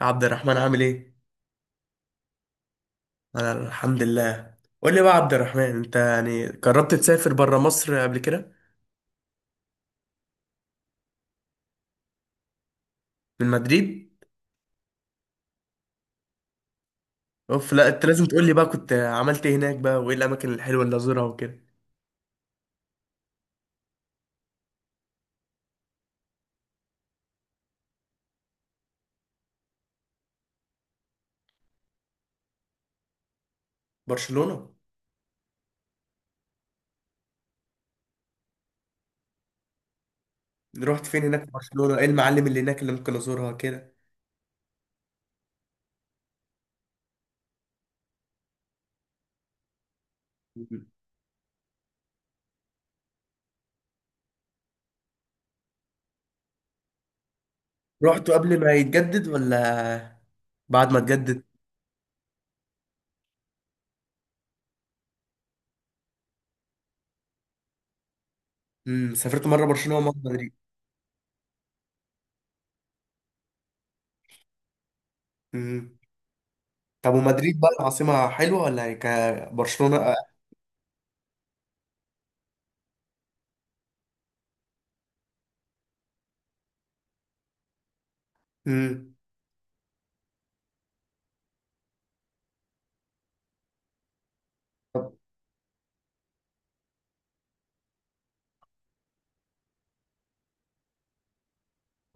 عبد الرحمن عامل ايه؟ انا الحمد لله. قول لي بقى يا عبد الرحمن، انت يعني جربت تسافر بره مصر قبل كده؟ من مدريد؟ اوف، لا انت لازم تقول لي بقى كنت عملت ايه هناك بقى، وايه الاماكن الحلوه اللي ازورها وكده. برشلونه؟ رحت فين هناك في برشلونه، ايه المعالم اللي هناك اللي ممكن ازورها كده؟ رحت قبل ما يتجدد ولا بعد ما اتجدد؟ سافرت مره برشلونه ومره مدريد. امم طب ومدريد بقى العاصمه حلوه ولا هي كبرشلونه؟ امم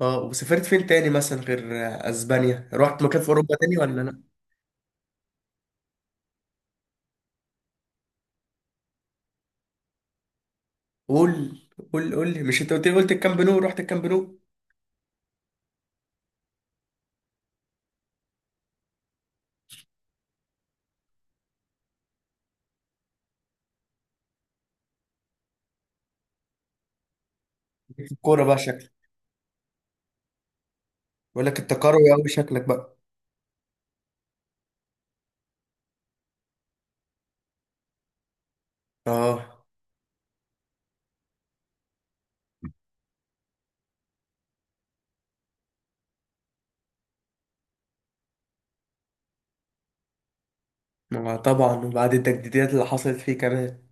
اه، وسافرت فين تاني مثلا غير اسبانيا؟ رحت مكان في اوروبا تاني ولا لا؟ قول، قول، قول لي. مش انت قلت لي، قلت الكامب نو؟ رحت الكامب نو. ليك في الكوره بقى شكلك، بقول لك انت كروي قوي شكلك بقى. اه، ما طبعا، وبعد التجديدات اللي حصلت فيه كمان.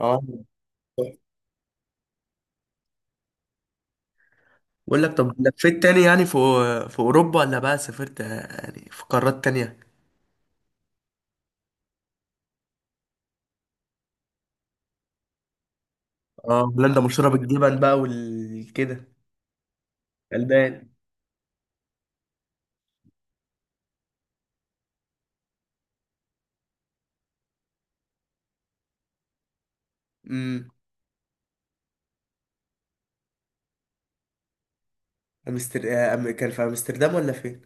اه، بقول لك طب لفيت تاني يعني في، في اوروبا ولا بقى سافرت يعني في قارات تانية؟ اه، هولندا مشهوره بالجبن بقى والكده. البان. امم كان في امستردام ولا فين؟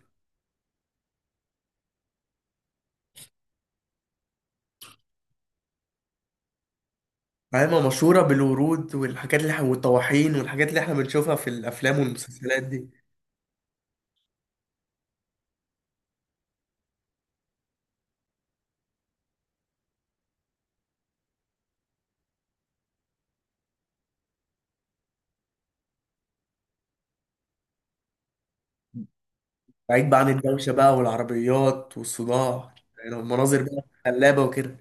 عايمة مشهورة بالورود والحاجات اللي احنا، والطواحين والحاجات اللي احنا بنشوفها في الأفلام والمسلسلات دي. بعيد بقى عن الدوشة بقى والعربيات والصداع، يعني المناظر بقى خلابة وكده.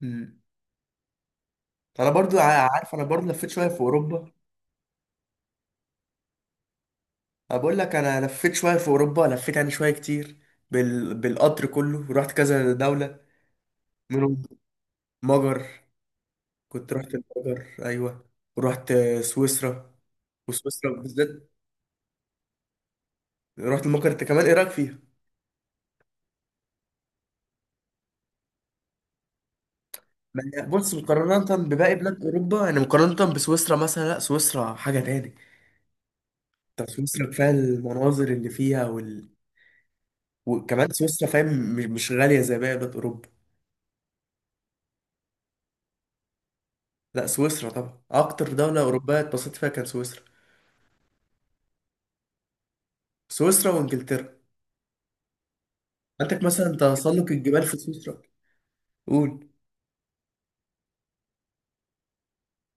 مم. أنا برضو عارف، أنا برضو لفيت شوية في أوروبا. أنا بقول لك أنا لفيت شوية في أوروبا، لفيت يعني شوية كتير، بالقطر كله، ورحت كذا دولة. منهم مجر، كنت رحت المجر أيوة. ورحت سويسرا، وسويسرا بالذات. رحت المجر أنت كمان، إيه رأيك فيها؟ ما هي- بص، مقارنة بباقي بلاد أوروبا، يعني مقارنة بسويسرا مثلا، لا سويسرا حاجة تاني. طب سويسرا كفاية المناظر اللي فيها وكمان سويسرا فاهم، مش غالية زي باقي بلاد أوروبا. لا سويسرا طبعا أكتر دولة أوروبية اتبسطت فيها كان سويسرا. سويسرا وإنجلترا. عندك مثلا تسلق الجبال في سويسرا. قول.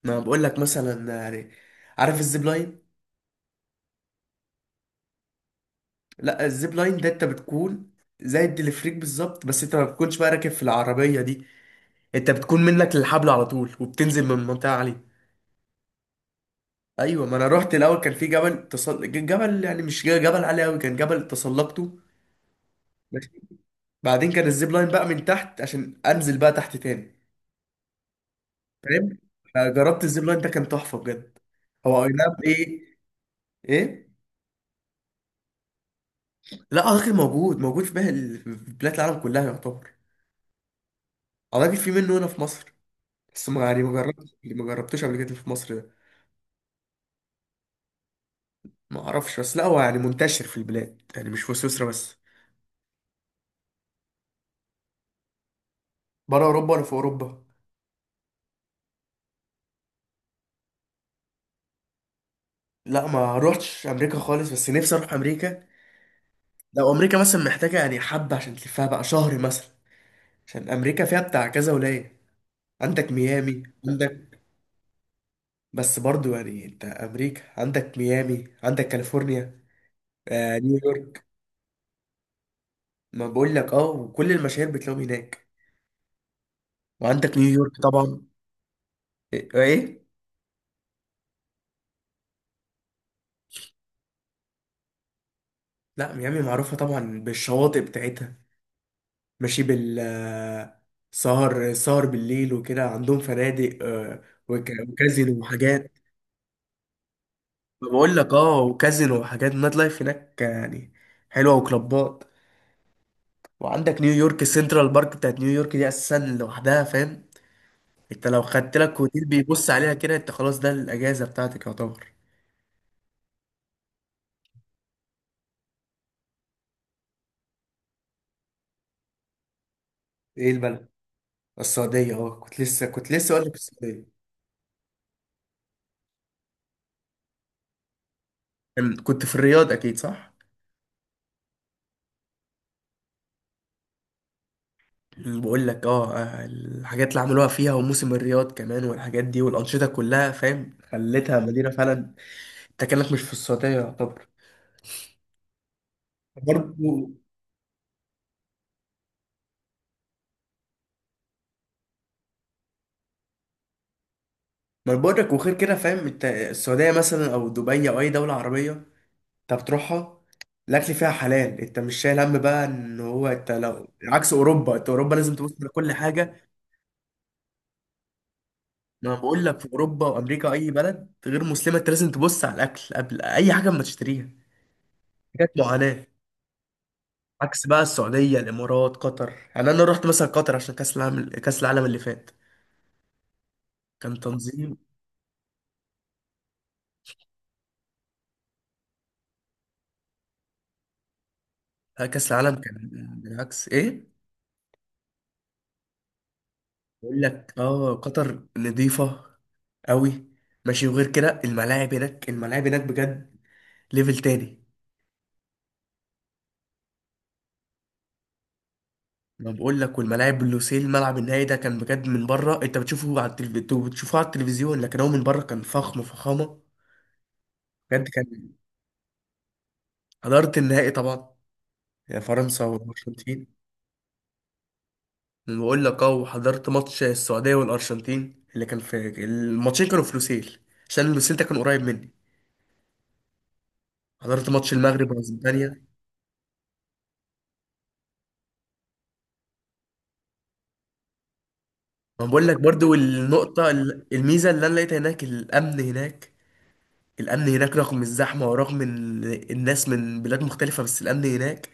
ما بقول لك مثلا يعني، عارف الزيب لاين؟ لا، الزيب لاين ده أنت بتكون زي الدليفريك بالظبط، بس أنت ما بتكونش بقى راكب في العربية دي، انت بتكون منك للحبل على طول، وبتنزل من منطقه عاليه. ايوه، ما انا رحت الاول، كان في جبل جبل يعني مش جبل عالي قوي، كان جبل تسلقته. ماشي. بعدين كان الزيب لاين بقى من تحت عشان انزل بقى تحت تاني. فاهم. فجربت الزيب لاين ده، كان تحفه بجد. هو اي نعم، ايه. ايه. لا، اعتقد موجود، في بلاد العالم كلها يعتبر. اعتقد في منه هنا في مصر، بس ما يعني ما جربتوش قبل كده في مصر ده. ما اعرفش، بس لا هو يعني منتشر في البلاد، يعني مش في سويسرا بس. بره اوروبا ولا في اوروبا؟ لا، ما روحتش امريكا خالص، بس نفسي اروح امريكا. لو امريكا مثلا محتاجه يعني حبه عشان تلفها بقى شهر مثلا، عشان امريكا فيها بتاع كذا ولايه. عندك ميامي، عندك، بس برضو يعني انت امريكا عندك ميامي، عندك كاليفورنيا، نيويورك. ما بقول لك اه، وكل المشاهير بتلاقيهم هناك. وعندك نيويورك طبعا. ايه إيه؟ لا، ميامي معروفه طبعا بالشواطئ بتاعتها. ماشي، بال آه، سهر، سهر بالليل وكده، عندهم فنادق، وكازينو وحاجات. بقول لك اه، وكازينو وحاجات، نايت لايف هناك يعني حلوه، وكلوبات. وعندك نيويورك، سنترال بارك بتاعت نيويورك دي اساسا لوحدها فاهم، انت لو خدت لك هوتيل بيبص عليها كده، انت خلاص ده الاجازه بتاعتك يعتبر. ايه البلد؟ السعوديه. اه، كنت لسه، كنت لسه اقول لك السعوديه. كنت في الرياض اكيد صح؟ بقول لك اه، الحاجات اللي عملوها فيها، وموسم الرياض كمان والحاجات دي والانشطه كلها فاهم، خلتها مدينه فعلا. انت كانك مش في السعوديه يعتبر. برضه، ما بقولك، وغير كده فاهم، انت السعودية مثلا أو دبي أو أي دولة عربية أنت بتروحها، الأكل فيها حلال، أنت مش شايل هم بقى إن هو، أنت لو عكس أوروبا، أنت أوروبا لازم تبص على كل حاجة. ما أنا بقول لك، في أوروبا وأمريكا أي بلد غير مسلمة أنت لازم تبص على الأكل قبل أي حاجة ما تشتريها. حاجات معاناة. عكس بقى السعودية، الإمارات، قطر. يعني أنا رحت مثلا قطر عشان كأس العالم، كأس العالم اللي فات كان تنظيم، كأس العالم كان بالعكس. إيه؟ بقول لك اه، قطر نظيفة قوي. ماشي، وغير كده الملاعب هناك، الملاعب هناك بجد ليفل تاني. ما بقول لك، والملاعب، لوسيل الملعب النهائي ده كان بجد، من بره انت انتوا بتشوفوه على التلفزيون، لكن هو من بره كان فخم فخامة بجد. كان حضرت النهائي طبعا، يا فرنسا والارجنتين. أنا بقول لك اه، وحضرت ماتش السعودية والارجنتين، اللي كان في الماتشين كانوا في لوسيل، عشان لوسيل ده كان قريب مني. حضرت ماتش المغرب واسبانيا. ما بقول لك برضو، النقطة الميزة اللي أنا لقيتها هناك، الأمن هناك، الأمن هناك رغم الزحمة، ورغم إن الناس من بلاد مختلفة، بس الأمن هناك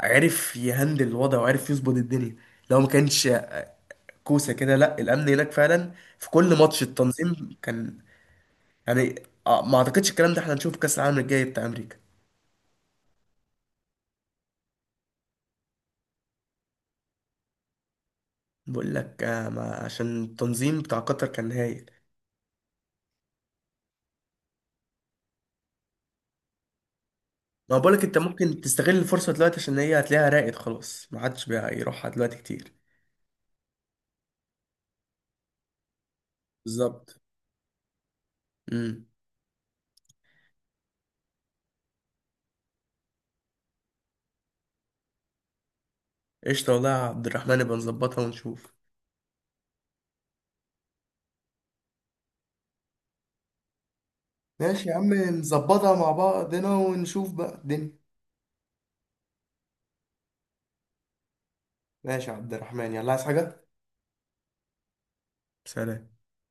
عرف يهندل الوضع، وعرف يظبط الدنيا. لو ما كانش كوسة كده، لا الأمن هناك فعلا، في كل ماتش التنظيم كان يعني، ما أعتقدش الكلام ده، احنا هنشوف كأس العالم الجاي بتاع أمريكا. بقول لك ما عشان التنظيم بتاع قطر كان هايل. ما بقول لك، أنت ممكن تستغل الفرصة دلوقتي، عشان هي هتلاقيها راقد خلاص، ما عادش بيروحها دلوقتي كتير. بالظبط. امم قشطة والله يا عبد الرحمن، يبقى نظبطها ونشوف. ماشي يا عم، نظبطها مع بعضنا ونشوف بقى الدنيا. ماشي يا عبد الرحمن، يلا عايز حاجة؟ سلام.